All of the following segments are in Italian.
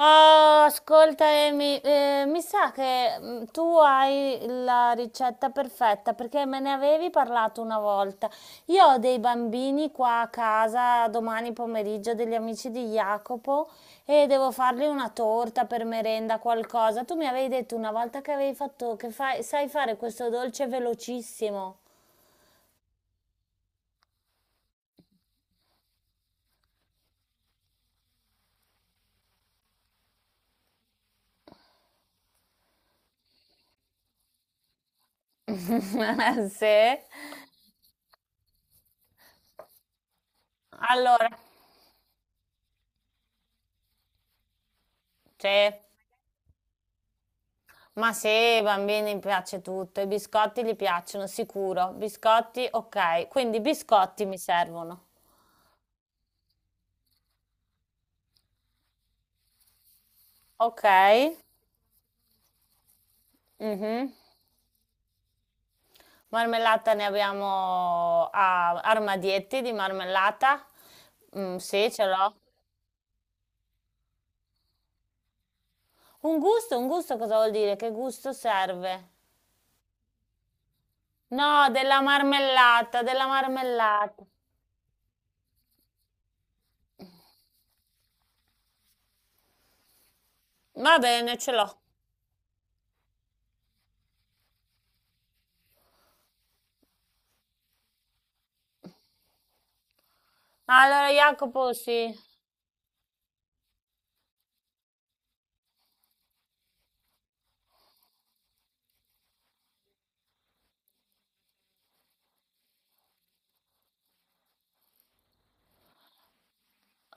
Oh, ascolta Amy, mi sa che tu hai la ricetta perfetta perché me ne avevi parlato una volta. Io ho dei bambini qua a casa domani pomeriggio, degli amici di Jacopo, e devo fargli una torta per merenda, qualcosa. Tu mi avevi detto una volta che avevi fatto, sai fare questo dolce velocissimo. Sì? Allora, sì. Ma se ai bambini piace tutto, i biscotti gli piacciono, sicuro. Biscotti, ok. Quindi biscotti mi servono. Ok. Mhm. Marmellata ne abbiamo a armadietti di marmellata. Mm, sì, ce l'ho. Un gusto cosa vuol dire? Che gusto serve? No, della marmellata, della marmellata. Va bene, ce l'ho. Allora, Jacopo, sì.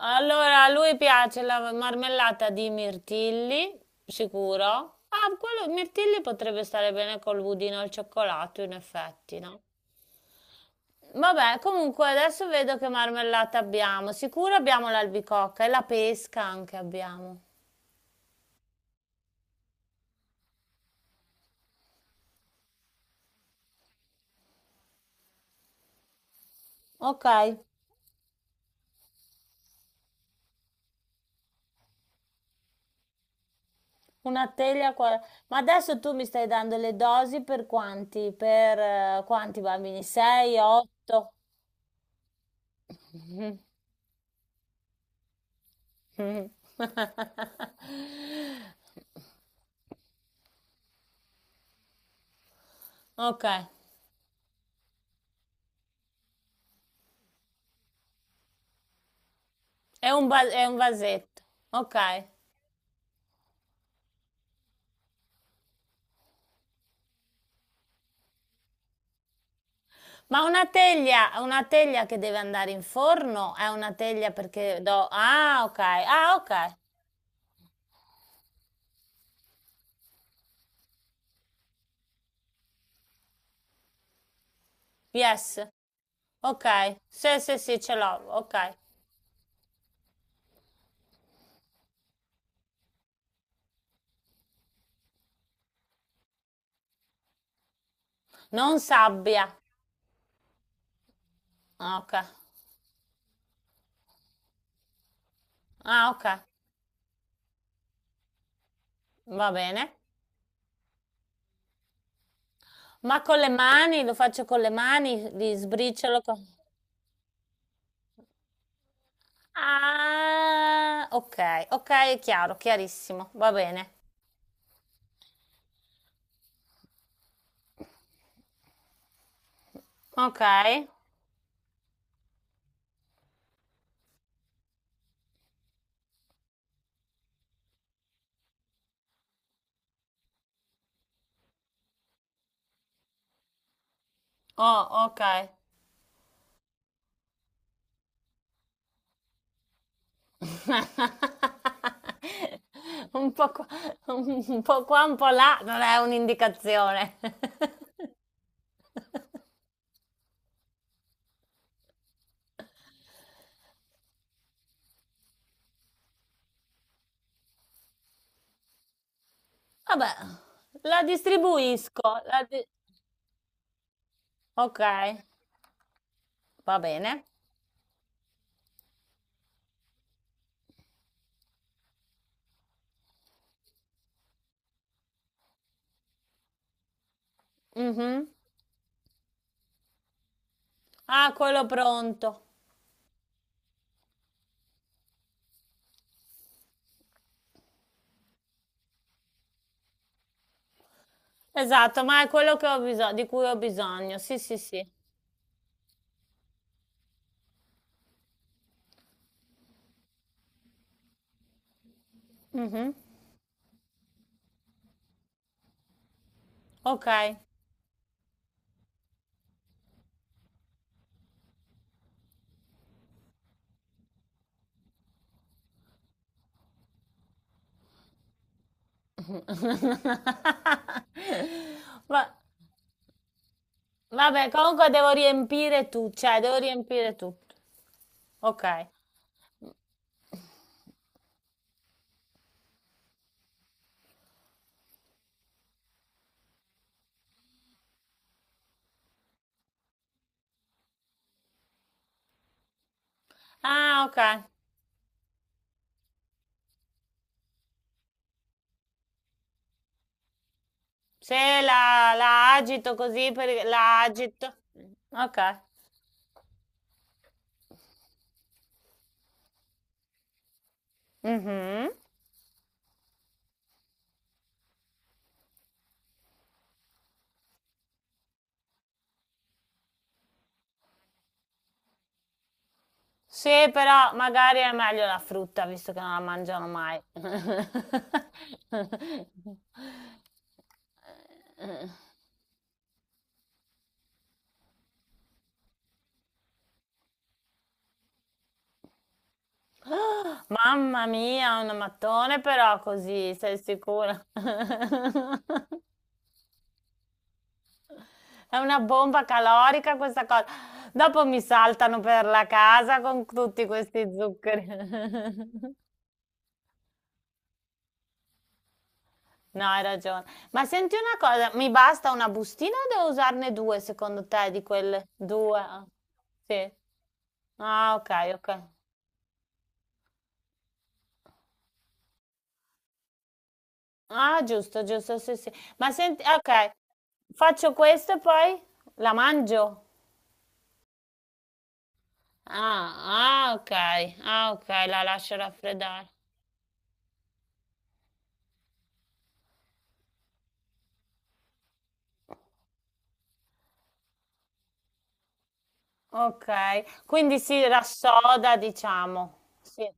Allora, a lui piace la marmellata di mirtilli, sicuro. Ah, quello mirtilli potrebbe stare bene col budino al cioccolato, in effetti, no? Vabbè, comunque adesso vedo che marmellata abbiamo. Sicuro abbiamo l'albicocca e la pesca anche abbiamo. Ok, una teglia qua. Ma adesso tu mi stai dando le dosi per quanti? Per quanti bambini? 6, 8? Ok. È un vasetto, ok. Ma una teglia che deve andare in forno è una teglia perché do... Ah, ok, ah, ok. Yes, ok. Sì, sì, sì, ce l'ho, ok. Non sabbia. Ah, ok. Ah, ok, va bene. Ma con le mani, lo faccio con le mani, li sbriciolo con... Ah, ok, ok, è chiaro, chiarissimo, va bene. Ok. Oh, ok. Un po' qua, un po' qua, un po' là, non è un'indicazione. Vabbè, la distribuisco. Ok, va bene. Mhm. Ah, quello pronto. Esatto, ma è quello che ho bisogno, di cui ho bisogno. Sì, sì, sì. Mhm. Ok. Va- vabbè, comunque devo riempire tu, cioè devo riempire tutto. Ok. Ah, ok. Se la, la agito così, per, la agito. Ok. Mhm. Sì, però magari è meglio la frutta, visto che non la mangiano mai. Mamma mia, un mattone però così, sei sicura? È una bomba calorica questa cosa. Dopo mi saltano per la casa con tutti questi zuccheri. No, hai ragione. Ma senti una cosa, mi basta una bustina o devo usarne due secondo te di quelle? Due? Ah, sì. Ah, ok, ok. Ah, giusto, giusto, sì, sì. Ma senti, ok, faccio questo e poi la mangio? Ah, ah, ok, ah, ok, la lascio raffreddare. Ok, quindi si rassoda, diciamo. Sì.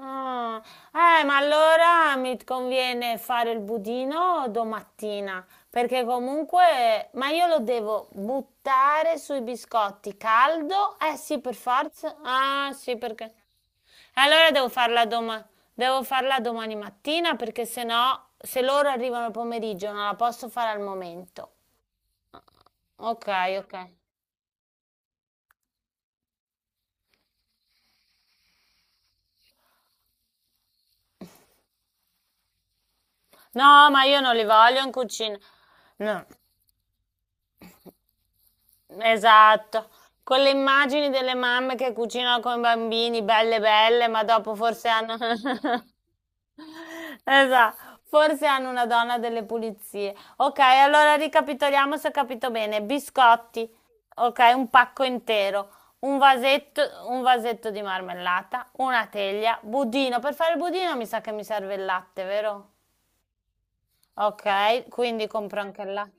Ah, ma allora mi conviene fare il budino domattina, perché comunque, ma io lo devo buttare sui biscotti caldo? Eh sì, per forza. Ah, sì, perché. E Allora devo farla doma- Devo farla domani mattina, perché se no, se loro arrivano al pomeriggio, non la posso fare al momento. Ok, ok. No, ma io non li voglio in cucina. No, esatto, con le immagini delle mamme che cucinano con i bambini, belle belle, ma dopo forse hanno... Esatto, forse hanno una donna delle pulizie. Ok, allora ricapitoliamo se ho capito bene. Biscotti, ok, un pacco intero, un vasetto, un vasetto di marmellata, una teglia, budino. Per fare il budino mi sa che mi serve il latte, vero? Ok, quindi compro anche il latte.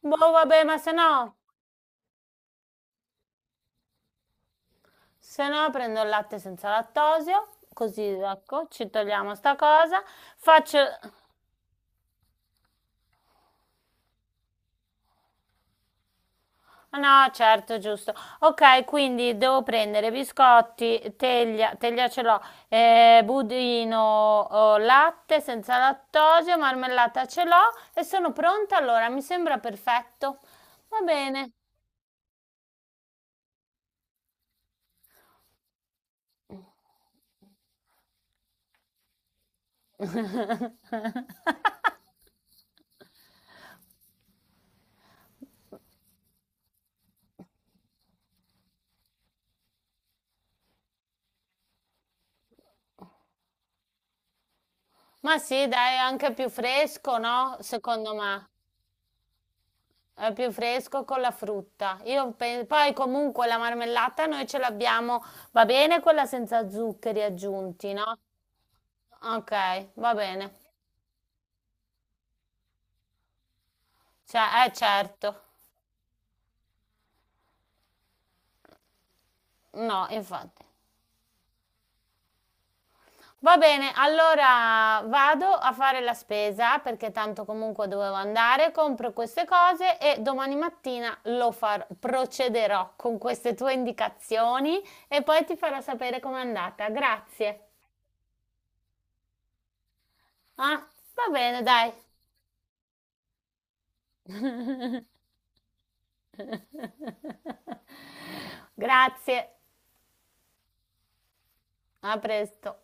Boh, vabbè, ma se no... Se no prendo il latte senza lattosio, così ecco, ci togliamo sta cosa. Faccio... No, certo, giusto. Ok, quindi devo prendere biscotti, teglia, teglia ce l'ho, budino, oh, latte senza lattosio, marmellata ce l'ho e sono pronta allora, mi sembra perfetto. Va bene. Ma sì, dai, è anche più fresco, no? Secondo me. È più fresco con la frutta. Poi comunque la marmellata noi ce l'abbiamo, va bene quella senza zuccheri aggiunti, no? Ok, va bene. Cioè, eh certo. No, infatti. Va bene, allora vado a fare la spesa perché tanto comunque dovevo andare, compro queste cose e domani mattina lo farò, procederò con queste tue indicazioni e poi ti farò sapere com'è andata. Grazie. Ah, va bene, dai. Grazie, a presto.